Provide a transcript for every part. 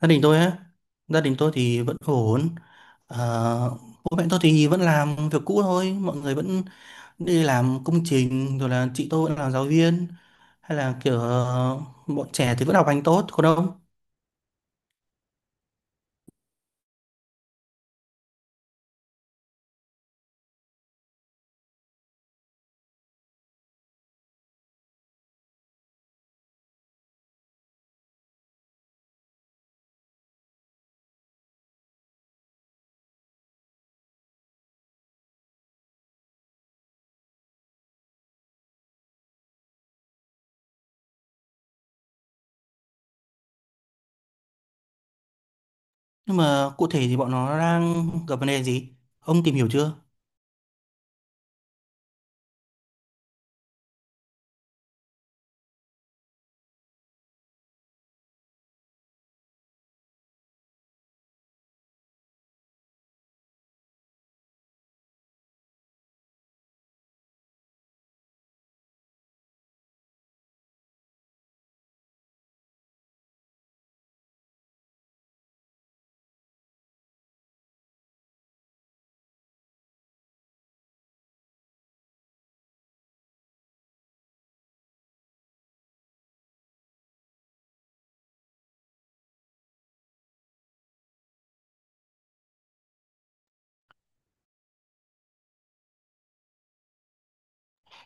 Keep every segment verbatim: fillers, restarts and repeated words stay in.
gia đình tôi á gia đình tôi thì vẫn ổn. Ờ, Bố mẹ tôi thì vẫn làm việc cũ thôi, mọi người vẫn đi làm công trình, rồi là chị tôi vẫn là giáo viên, hay là kiểu ờ, bọn trẻ thì vẫn học hành tốt còn ông? Nhưng mà cụ thể thì bọn nó đang gặp vấn đề gì, ông tìm hiểu chưa?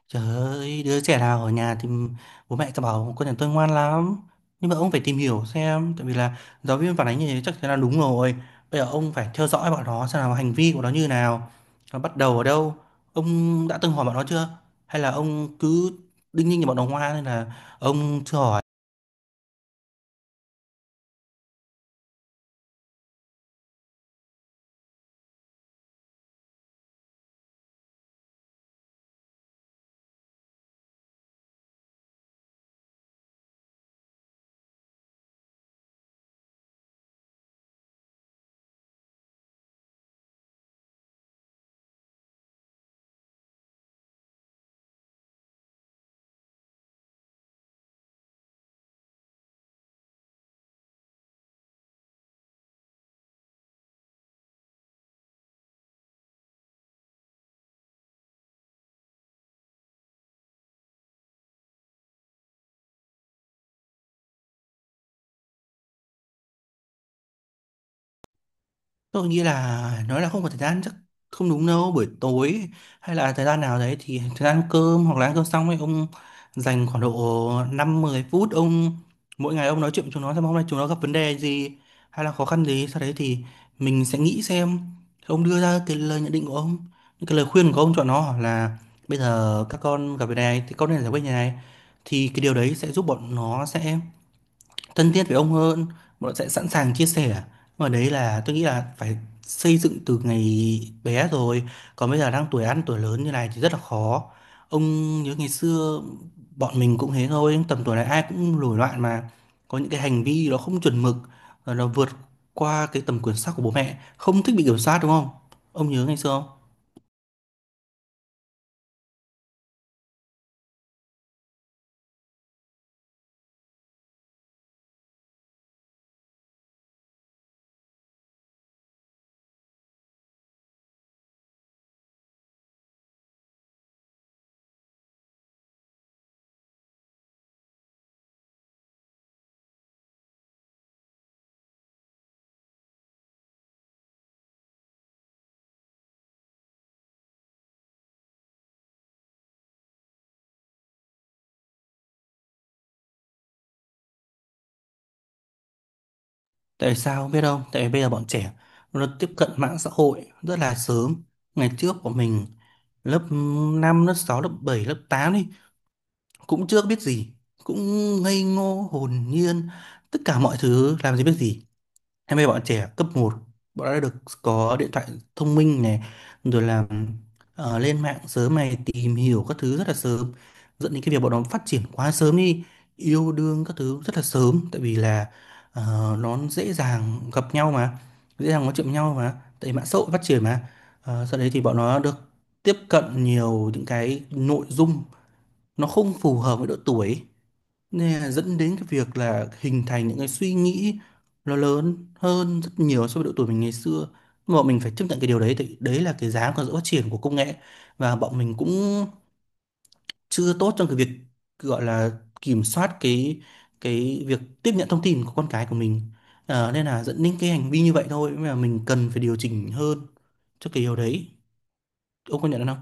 Trời ơi, đứa trẻ nào ở nhà thì bố mẹ cứ bảo con nhà tôi ngoan lắm. Nhưng mà ông phải tìm hiểu xem, tại vì là giáo viên phản ánh như thế chắc chắn là đúng rồi. Bây giờ ông phải theo dõi bọn nó xem là hành vi của nó như nào, nó bắt đầu ở đâu. Ông đã từng hỏi bọn nó chưa? Hay là ông cứ đinh ninh như bọn nó ngoan nên là ông chưa hỏi? Tôi nghĩ là nói là không có thời gian chắc không đúng đâu. Buổi tối hay là thời gian nào đấy, thì thời gian ăn cơm hoặc là ăn cơm xong ấy, ông dành khoảng độ năm mười phút, ông mỗi ngày ông nói chuyện với chúng nó xem hôm nay chúng nó gặp vấn đề gì hay là khó khăn gì, sau đấy thì mình sẽ nghĩ xem, ông đưa ra cái lời nhận định của ông, những cái lời khuyên của ông cho nó là bây giờ các con gặp vấn đề này thì con nên giải quyết như này. Thì cái điều đấy sẽ giúp bọn nó sẽ thân thiết với ông hơn, bọn sẽ sẵn sàng chia sẻ. Mà đấy là tôi nghĩ là phải xây dựng từ ngày bé rồi, còn bây giờ đang tuổi ăn tuổi lớn như này thì rất là khó. Ông nhớ ngày xưa, bọn mình cũng thế thôi, tầm tuổi này ai cũng nổi loạn mà, có những cái hành vi nó không chuẩn mực, rồi nó vượt qua cái tầm kiểm soát của bố mẹ, không thích bị kiểm soát đúng không? Ông nhớ ngày xưa không? Tại sao không biết không? Tại vì bây giờ bọn trẻ nó tiếp cận mạng xã hội rất là sớm. Ngày trước của mình, lớp năm lớp sáu lớp bảy lớp tám đi cũng chưa biết gì, cũng ngây ngô hồn nhiên, tất cả mọi thứ làm gì biết gì. Em bây giờ bọn trẻ cấp một, bọn đã được có điện thoại thông minh này, rồi là ờ, lên mạng sớm này, tìm hiểu các thứ rất là sớm, dẫn đến cái việc bọn nó phát triển quá sớm đi, yêu đương các thứ rất là sớm, tại vì là ờ, nó dễ dàng gặp nhau mà, dễ dàng nói chuyện với nhau mà, tại vì mạng xã hội phát triển mà. Ờ, sau đấy thì bọn nó được tiếp cận nhiều những cái nội dung nó không phù hợp với độ tuổi. Nè, dẫn đến cái việc là hình thành những cái suy nghĩ nó lớn hơn rất nhiều so với độ tuổi mình ngày xưa. Nhưng mà bọn mình phải chấp nhận cái điều đấy, thì đấy là cái giá của sự phát triển của công nghệ, và bọn mình cũng chưa tốt trong cái việc gọi là kiểm soát cái cái việc tiếp nhận thông tin của con cái của mình. Ờ, nên là dẫn đến cái hành vi như vậy thôi, mà mình cần phải điều chỉnh hơn cho cái điều đấy. Ông có nhận không?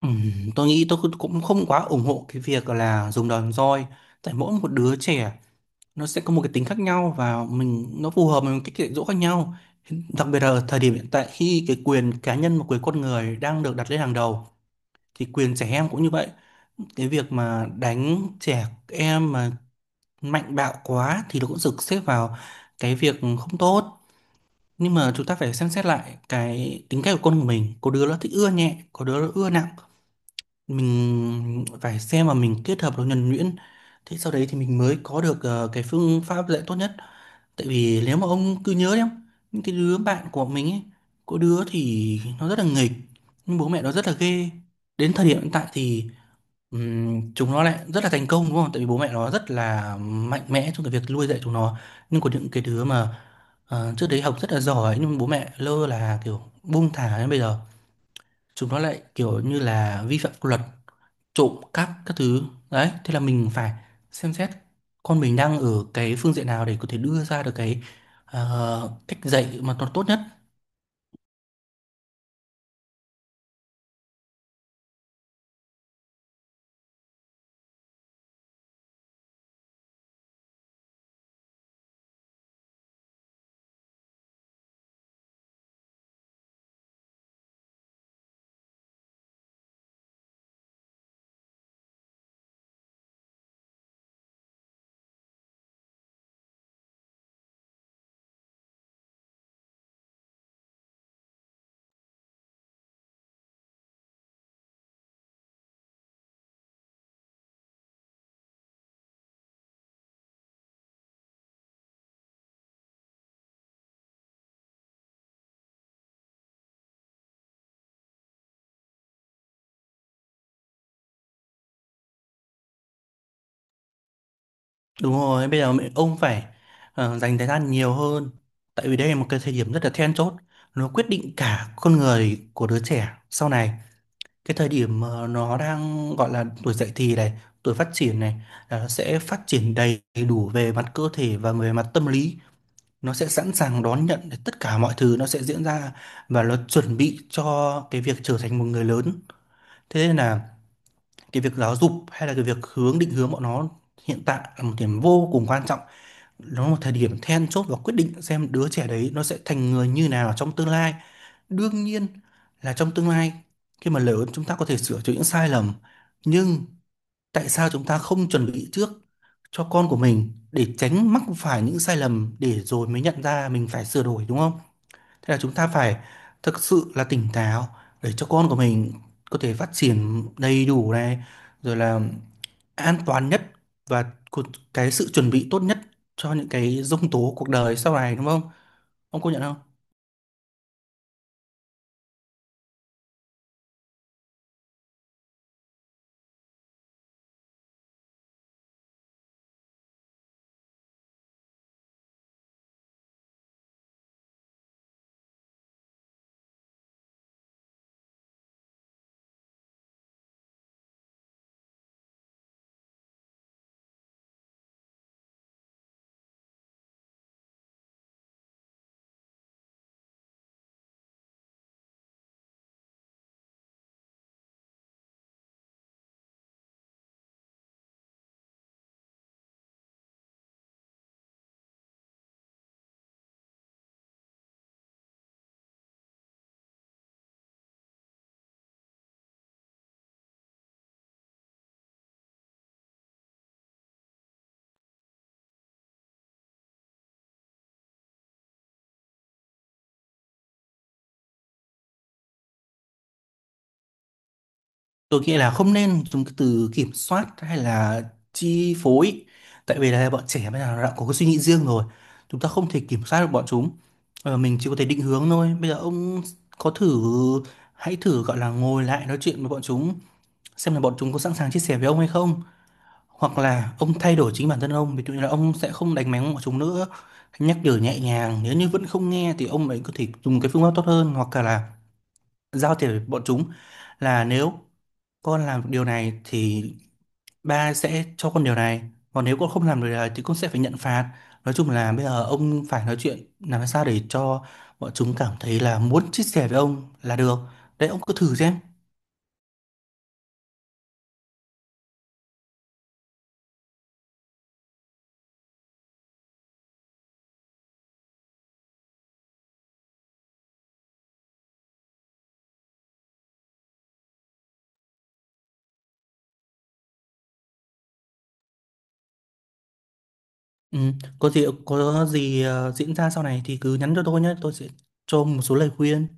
Ừm, tôi nghĩ tôi cũng cũng không quá ủng hộ cái việc là dùng đòn roi, tại mỗi một đứa trẻ nó sẽ có một cái tính khác nhau, và mình nó phù hợp với một cái dạy dỗ khác nhau. Đặc biệt là thời điểm hiện tại khi cái quyền cá nhân và quyền con người đang được đặt lên hàng đầu, thì quyền trẻ em cũng như vậy. Cái việc mà đánh trẻ em mà mạnh bạo quá thì nó cũng được xếp vào cái việc không tốt. Nhưng mà chúng ta phải xem xét lại cái tính cách của con của mình, có đứa nó thích ưa nhẹ, có đứa nó ưa nặng, mình phải xem và mình kết hợp nó nhuần nhuyễn, thế sau đấy thì mình mới có được ờ, cái phương pháp dạy tốt nhất. Tại vì nếu mà ông cứ nhớ đấy không, những cái đứa bạn của mình ấy, có đứa thì nó rất là nghịch nhưng bố mẹ nó rất là ghê, đến thời điểm hiện tại thì ừm, chúng nó lại rất là thành công đúng không, tại vì bố mẹ nó rất là mạnh mẽ trong cái việc nuôi dạy chúng nó. Nhưng có những cái đứa mà ờ, trước đấy học rất là giỏi nhưng bố mẹ lơ là kiểu buông thả, đến bây giờ chúng nó lại kiểu như là vi phạm pháp luật, trộm cắp các thứ. Đấy, thế là mình phải xem xét con mình đang ở cái phương diện nào để có thể đưa ra được cái ờ, cách dạy mà nó tốt nhất. Đúng rồi, bây giờ mẹ- ông phải ờ, dành thời gian nhiều hơn, tại vì đây là một cái thời điểm rất là then chốt, nó quyết định cả con người của đứa trẻ sau này. Cái thời điểm mà nó đang gọi là tuổi dậy thì này, tuổi phát triển này, là nó sẽ phát triển đầy đủ về mặt cơ thể và về mặt tâm lý, nó sẽ sẵn sàng đón nhận để tất cả mọi thứ nó sẽ diễn ra, và nó chuẩn bị cho cái việc trở thành một người lớn. Thế nên là cái việc giáo dục hay là cái việc hướng định hướng bọn nó hiện tại là một điểm vô cùng quan trọng, nó là một thời điểm then chốt và quyết định xem đứa trẻ đấy nó sẽ thành người như nào trong tương lai. Đương nhiên là trong tương lai, khi mà lớn, chúng ta có thể sửa chữa những sai lầm, nhưng tại sao chúng ta không chuẩn bị trước cho con của mình để tránh mắc phải những sai lầm để rồi mới nhận ra mình phải sửa đổi, đúng không? Thế là chúng ta phải thực sự là tỉnh táo để cho con của mình có thể phát triển đầy đủ này, rồi là an toàn nhất, và cu- cái sự chuẩn bị tốt nhất cho những cái giông tố cuộc đời sau này, đúng không? Ông công nhận không? Tôi nghĩ là không nên dùng cái từ kiểm soát hay là chi phối, tại vì là bọn trẻ bây giờ nó đã có cái suy nghĩ riêng rồi, chúng ta không thể kiểm soát được bọn chúng. Ờ, mình chỉ có thể định hướng thôi. Bây giờ ông có thử hãy thử gọi là ngồi lại nói chuyện với bọn chúng, xem là bọn chúng có sẵn sàng chia sẻ với ông hay không, hoặc là ông thay đổi chính bản thân ông, ví dụ như là ông sẽ không đánh mắng bọn chúng nữa, nhắc nhở nhẹ nhàng, nếu như vẫn không nghe thì ông ấy có thể dùng cái phương pháp tốt hơn, hoặc là giao thiệp với bọn chúng là nếu con làm được điều này thì ba sẽ cho con điều này, còn nếu con không làm được điều này thì con sẽ phải nhận phạt. Nói chung là bây giờ ông phải nói chuyện làm sao để cho bọn chúng cảm thấy là muốn chia sẻ với ông là được. Đấy, ông cứ thử xem. Ừ, có gì có gì ờ, diễn ra sau này thì cứ nhắn cho tôi nhé, tôi sẽ cho một số lời khuyên.